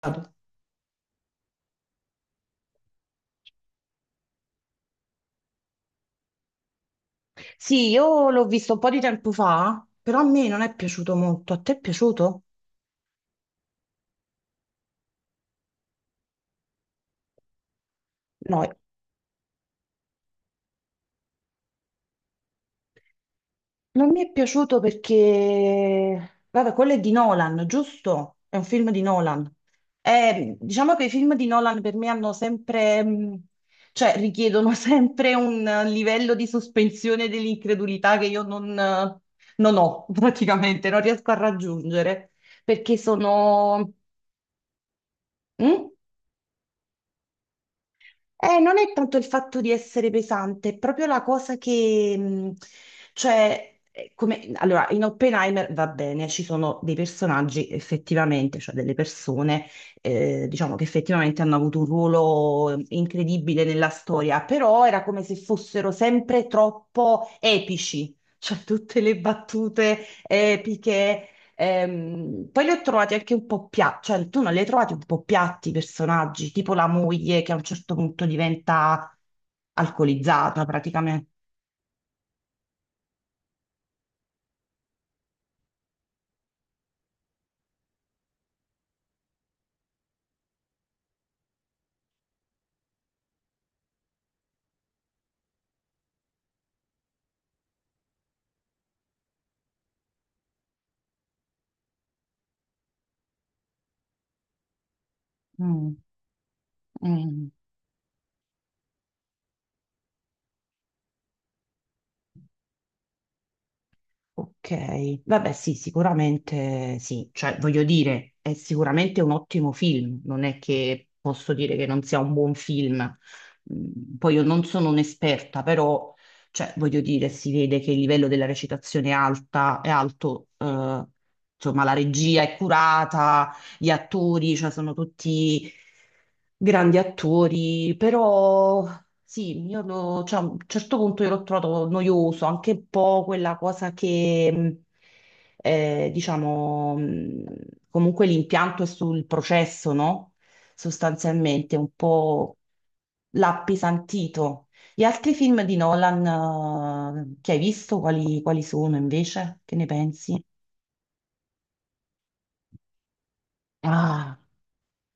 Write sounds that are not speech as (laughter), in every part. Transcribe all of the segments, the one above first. Stato. Sì, io l'ho visto un po' di tempo fa, però a me non è piaciuto molto. A te è piaciuto? No, non mi è piaciuto perché, vabbè, quello è di Nolan, giusto? È un film di Nolan. Diciamo che i film di Nolan per me hanno sempre, cioè richiedono (laughs) sempre un livello di sospensione dell'incredulità che io non ho praticamente, non riesco a raggiungere perché sono. Mm? Non è tanto il fatto di essere pesante, è proprio la cosa che, cioè, è come, allora, in Oppenheimer va bene, ci sono dei personaggi effettivamente, cioè delle persone, diciamo che effettivamente hanno avuto un ruolo incredibile nella storia, però era come se fossero sempre troppo epici. Cioè, tutte le battute epiche. Poi li ho trovati anche un po' piatti, cioè tu non li hai trovati un po' piatti i personaggi, tipo la moglie che a un certo punto diventa alcolizzata praticamente. Mm, mm. Ok, vabbè sì, sicuramente sì, cioè voglio dire, è sicuramente un ottimo film, non è che posso dire che non sia un buon film. Mm, poi io non sono un'esperta, però cioè, voglio dire, si vede che il livello della recitazione è alta, è alto, insomma la regia è curata, gli attori, cioè sono tutti grandi attori, però sì, cioè, a un certo punto io l'ho trovato noioso, anche un po' quella cosa che, diciamo, comunque l'impianto è sul processo, no? Sostanzialmente, un po' l'ha appesantito. Gli altri film di Nolan, che hai visto, quali sono invece? Che ne pensi? Ah,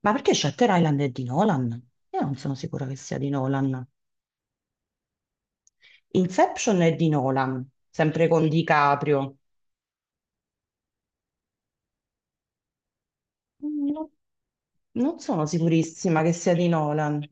ma perché Shutter Island è di Nolan? Io non sono sicura che sia di Nolan. Inception è di Nolan, sempre con DiCaprio. Non non sono sicurissima che sia di Nolan.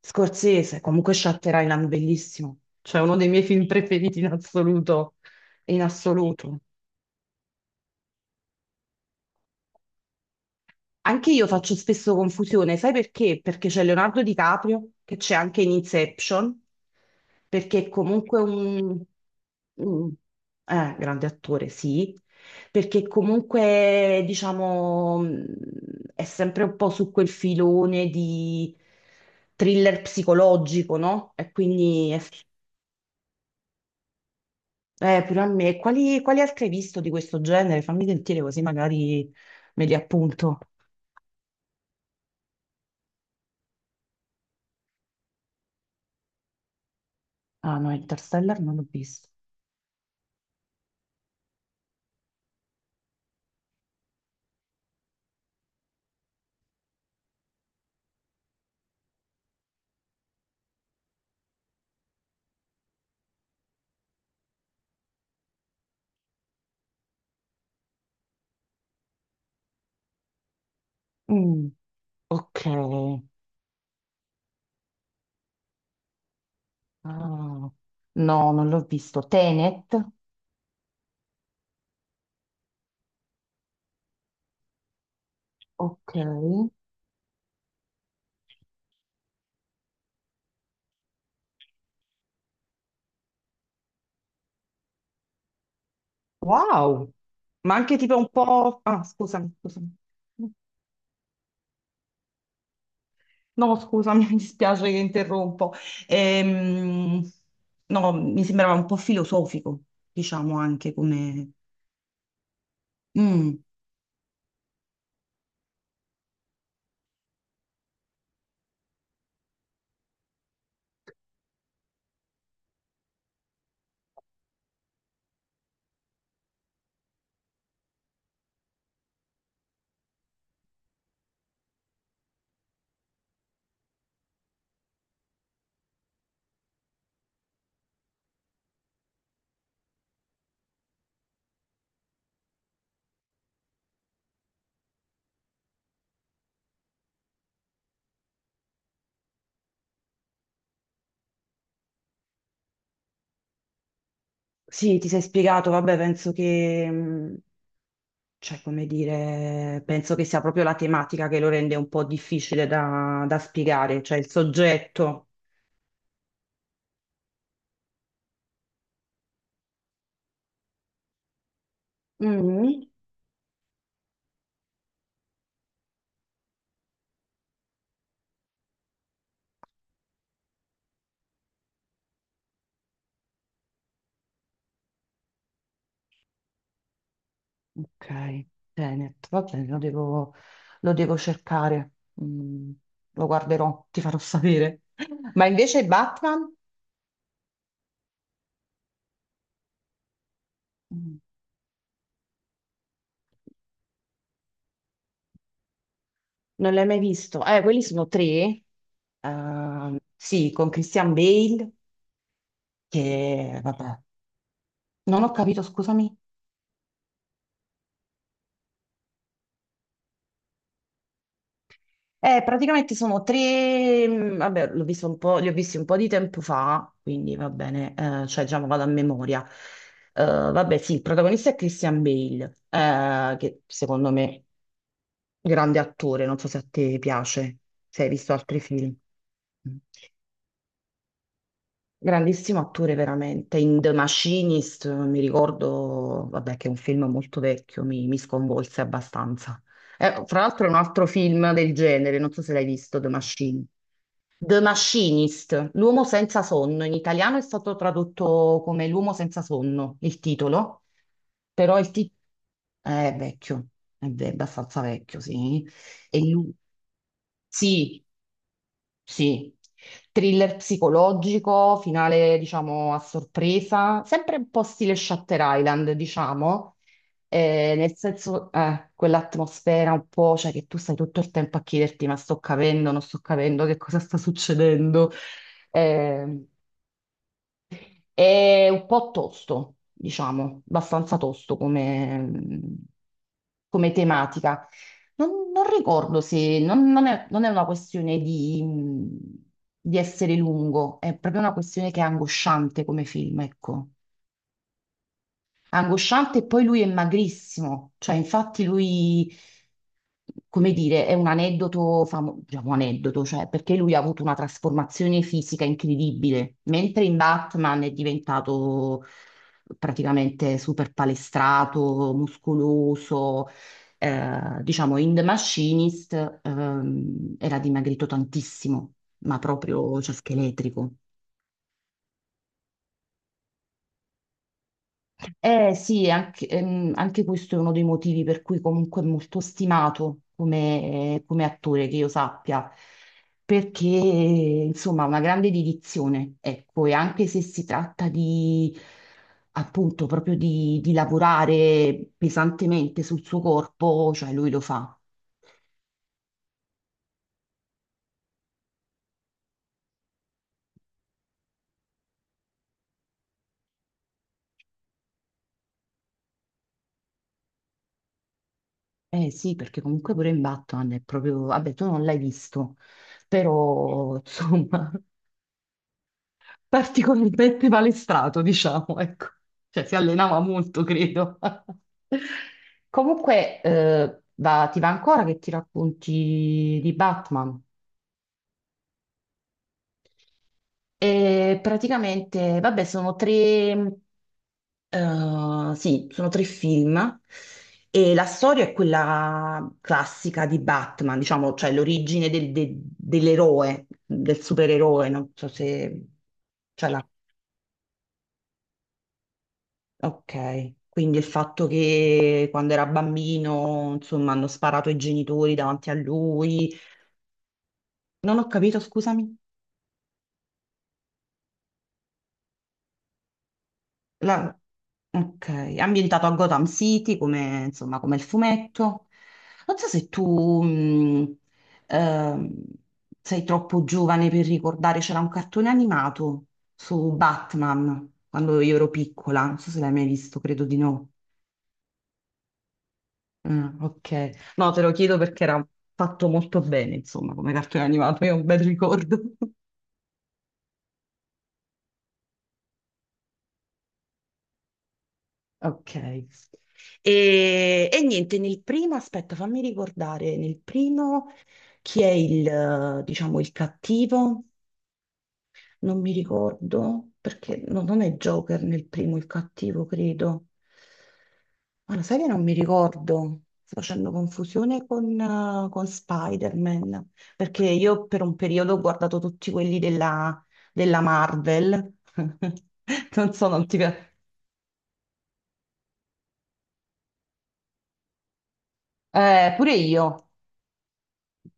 Scorsese, comunque Shutter Island, bellissimo. Cioè uno dei miei film preferiti in assoluto. In assoluto. Anche io faccio spesso confusione, sai perché? Perché c'è Leonardo DiCaprio, che c'è anche in Inception, perché è comunque un grande attore, sì, perché comunque, diciamo, è sempre un po' su quel filone di thriller psicologico, no? Pure a me, quali altri hai visto di questo genere? Fammi sentire così magari me li appunto. Ah no, Interstellar non l'ho visto. Mm, ok. Ah, no, non l'ho visto. Tenet. Ok. Wow. Ma anche tipo un po'. Ah, scusami, scusami. No, scusami, (laughs) mi dispiace che interrompo. Ehm, no, mi sembrava un po' filosofico, diciamo anche come. Mm. Sì, ti sei spiegato, vabbè, penso che, cioè, come dire, penso che sia proprio la tematica che lo rende un po' difficile da spiegare, cioè il soggetto. Mm. Ok, Tenet, va bene, lo devo cercare. Mm. Lo guarderò, ti farò sapere. (laughs) Ma invece Batman? Mm. Non l'hai mai visto? Quelli sono tre. Sì, con Christian Bale, che vabbè, non ho capito, scusami. Praticamente sono tre, vabbè, l'ho visto un po', li ho visti un po' di tempo fa, quindi va bene, cioè diciamo vado a memoria. Vabbè, sì, il protagonista è Christian Bale, che secondo me grande attore, non so se a te piace, se hai visto altri film. Mm. Grandissimo attore veramente. In The Machinist, mi ricordo, vabbè, che è un film molto vecchio, mi sconvolse abbastanza. Fra l'altro è un altro film del genere, non so se l'hai visto, The Machine. The Machinist, l'uomo senza sonno. In italiano è stato tradotto come l'uomo senza sonno, il titolo, però il titolo è vecchio, abbastanza vecchio, sì. E lui- sì, sì, thriller psicologico, finale diciamo a sorpresa, sempre un po' stile Shutter Island, diciamo, nel senso quell'atmosfera un po', cioè che tu stai tutto il tempo a chiederti ma sto capendo, non sto capendo che cosa sta succedendo. Eh, è un po' tosto, diciamo, abbastanza tosto come tematica. Non ricordo se non è una questione di essere lungo, è proprio una questione che è angosciante come film, ecco angosciante e poi lui è magrissimo, cioè infatti lui, come dire, è un aneddoto, diciamo aneddoto, cioè perché lui ha avuto una trasformazione fisica incredibile, mentre in Batman è diventato praticamente super palestrato, muscoloso, diciamo in The Machinist era dimagrito tantissimo, ma proprio, cioè, scheletrico. Eh sì, anche questo è uno dei motivi per cui comunque è molto stimato come attore, che io sappia, perché insomma ha una grande dedizione, ecco, e anche se si tratta di appunto proprio di lavorare pesantemente sul suo corpo, cioè lui lo fa. Eh sì, perché comunque pure in Batman è proprio, vabbè, tu non l'hai visto, però (laughs) insomma, particolarmente palestrato, diciamo, ecco. Cioè si allenava molto, credo. (laughs) Comunque, ti va ancora che ti racconti di Batman? E praticamente, vabbè, sono tre, sì, sono tre film e la storia è quella classica di Batman, diciamo, cioè l'origine dell'eroe, del supereroe, non so se ce l'ha. Ok, quindi il fatto che quando era bambino, insomma, hanno sparato i genitori davanti a lui. Non ho capito, scusami. La- Ok, è ambientato a Gotham City, come, insomma, come il fumetto. Non so se tu ehm, sei troppo giovane per ricordare, c'era un cartone animato su Batman quando io ero piccola, non so se l'hai mai visto, credo di no. Ah, ok. No, te lo chiedo perché era fatto molto bene, insomma, come cartone animato, io ho un bel ricordo. (laughs) Ok. E niente, nel primo, aspetta, fammi ricordare, nel primo chi è il, diciamo, il cattivo? Non mi ricordo, perché no, non è Joker nel primo il cattivo, credo. Ma lo sai che non mi ricordo? Sto facendo confusione con Spider-Man, perché io per un periodo ho guardato tutti quelli della Marvel. (laughs) Non so, non ti piace. Pure io.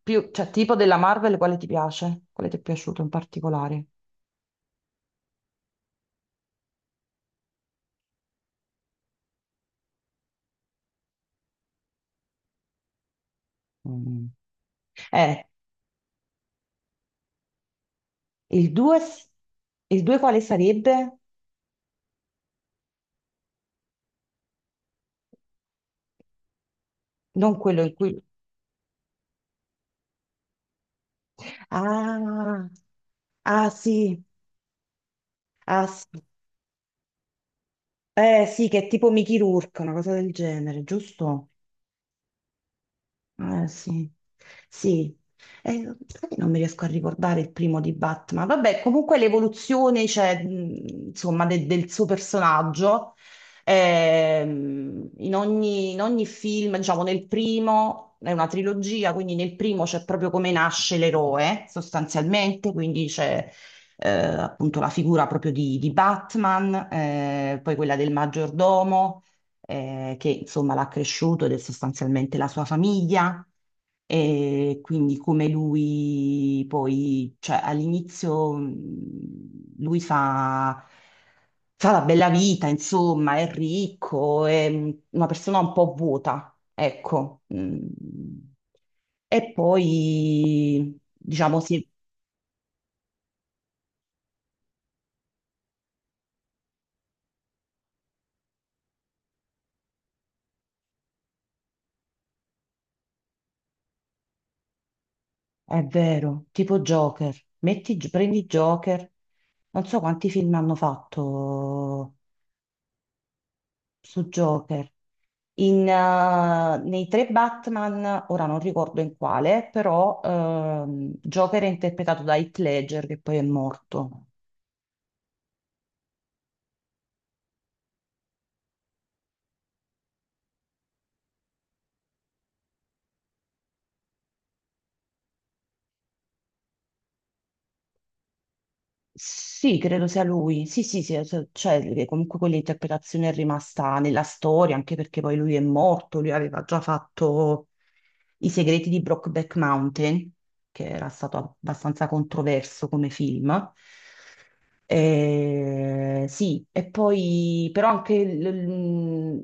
Più, cioè, tipo della Marvel, quale ti piace? Quale ti è piaciuto in particolare? Mm. Eh, il 2, il 2 quale sarebbe? Non quello in cui. Ah, ah, sì, ah sì. Eh sì, che è tipo Mickey Rourke, una cosa del genere, giusto? Sì, sì. Sai che non mi riesco a ricordare il primo di Batman. Vabbè, comunque l'evoluzione, cioè, insomma, del suo personaggio, in ogni film, diciamo, nel primo è una trilogia, quindi nel primo c'è proprio come nasce l'eroe, sostanzialmente, quindi c'è appunto la figura proprio di Batman, poi quella del maggiordomo che insomma l'ha cresciuto ed è sostanzialmente la sua famiglia. E quindi come lui poi, cioè all'inizio lui fa la bella vita, insomma, è ricco, è una persona un po' vuota, ecco. Mm. E poi, diciamo, sì, è vero, tipo Joker, metti, prendi Joker, non so quanti film hanno fatto su Joker. Nei tre Batman, ora non ricordo in quale, però Joker è interpretato da Heath Ledger, che poi è morto. Sì, credo sia lui. Sì, sì, sì, cioè, che comunque quell'interpretazione è rimasta nella storia, anche perché poi lui è morto, lui aveva già fatto I segreti di Brokeback Mountain, che era stato abbastanza controverso come film. Sì, e poi però anche l-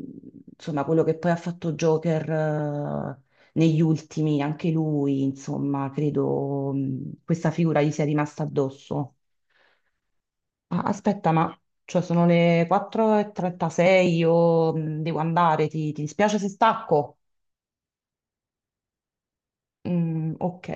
insomma, quello che poi ha fatto Joker negli ultimi, anche lui, insomma, credo questa figura gli sia rimasta addosso. Ah, aspetta, ma cioè sono le 4:36, io devo andare, ti dispiace se stacco? Mm, ok.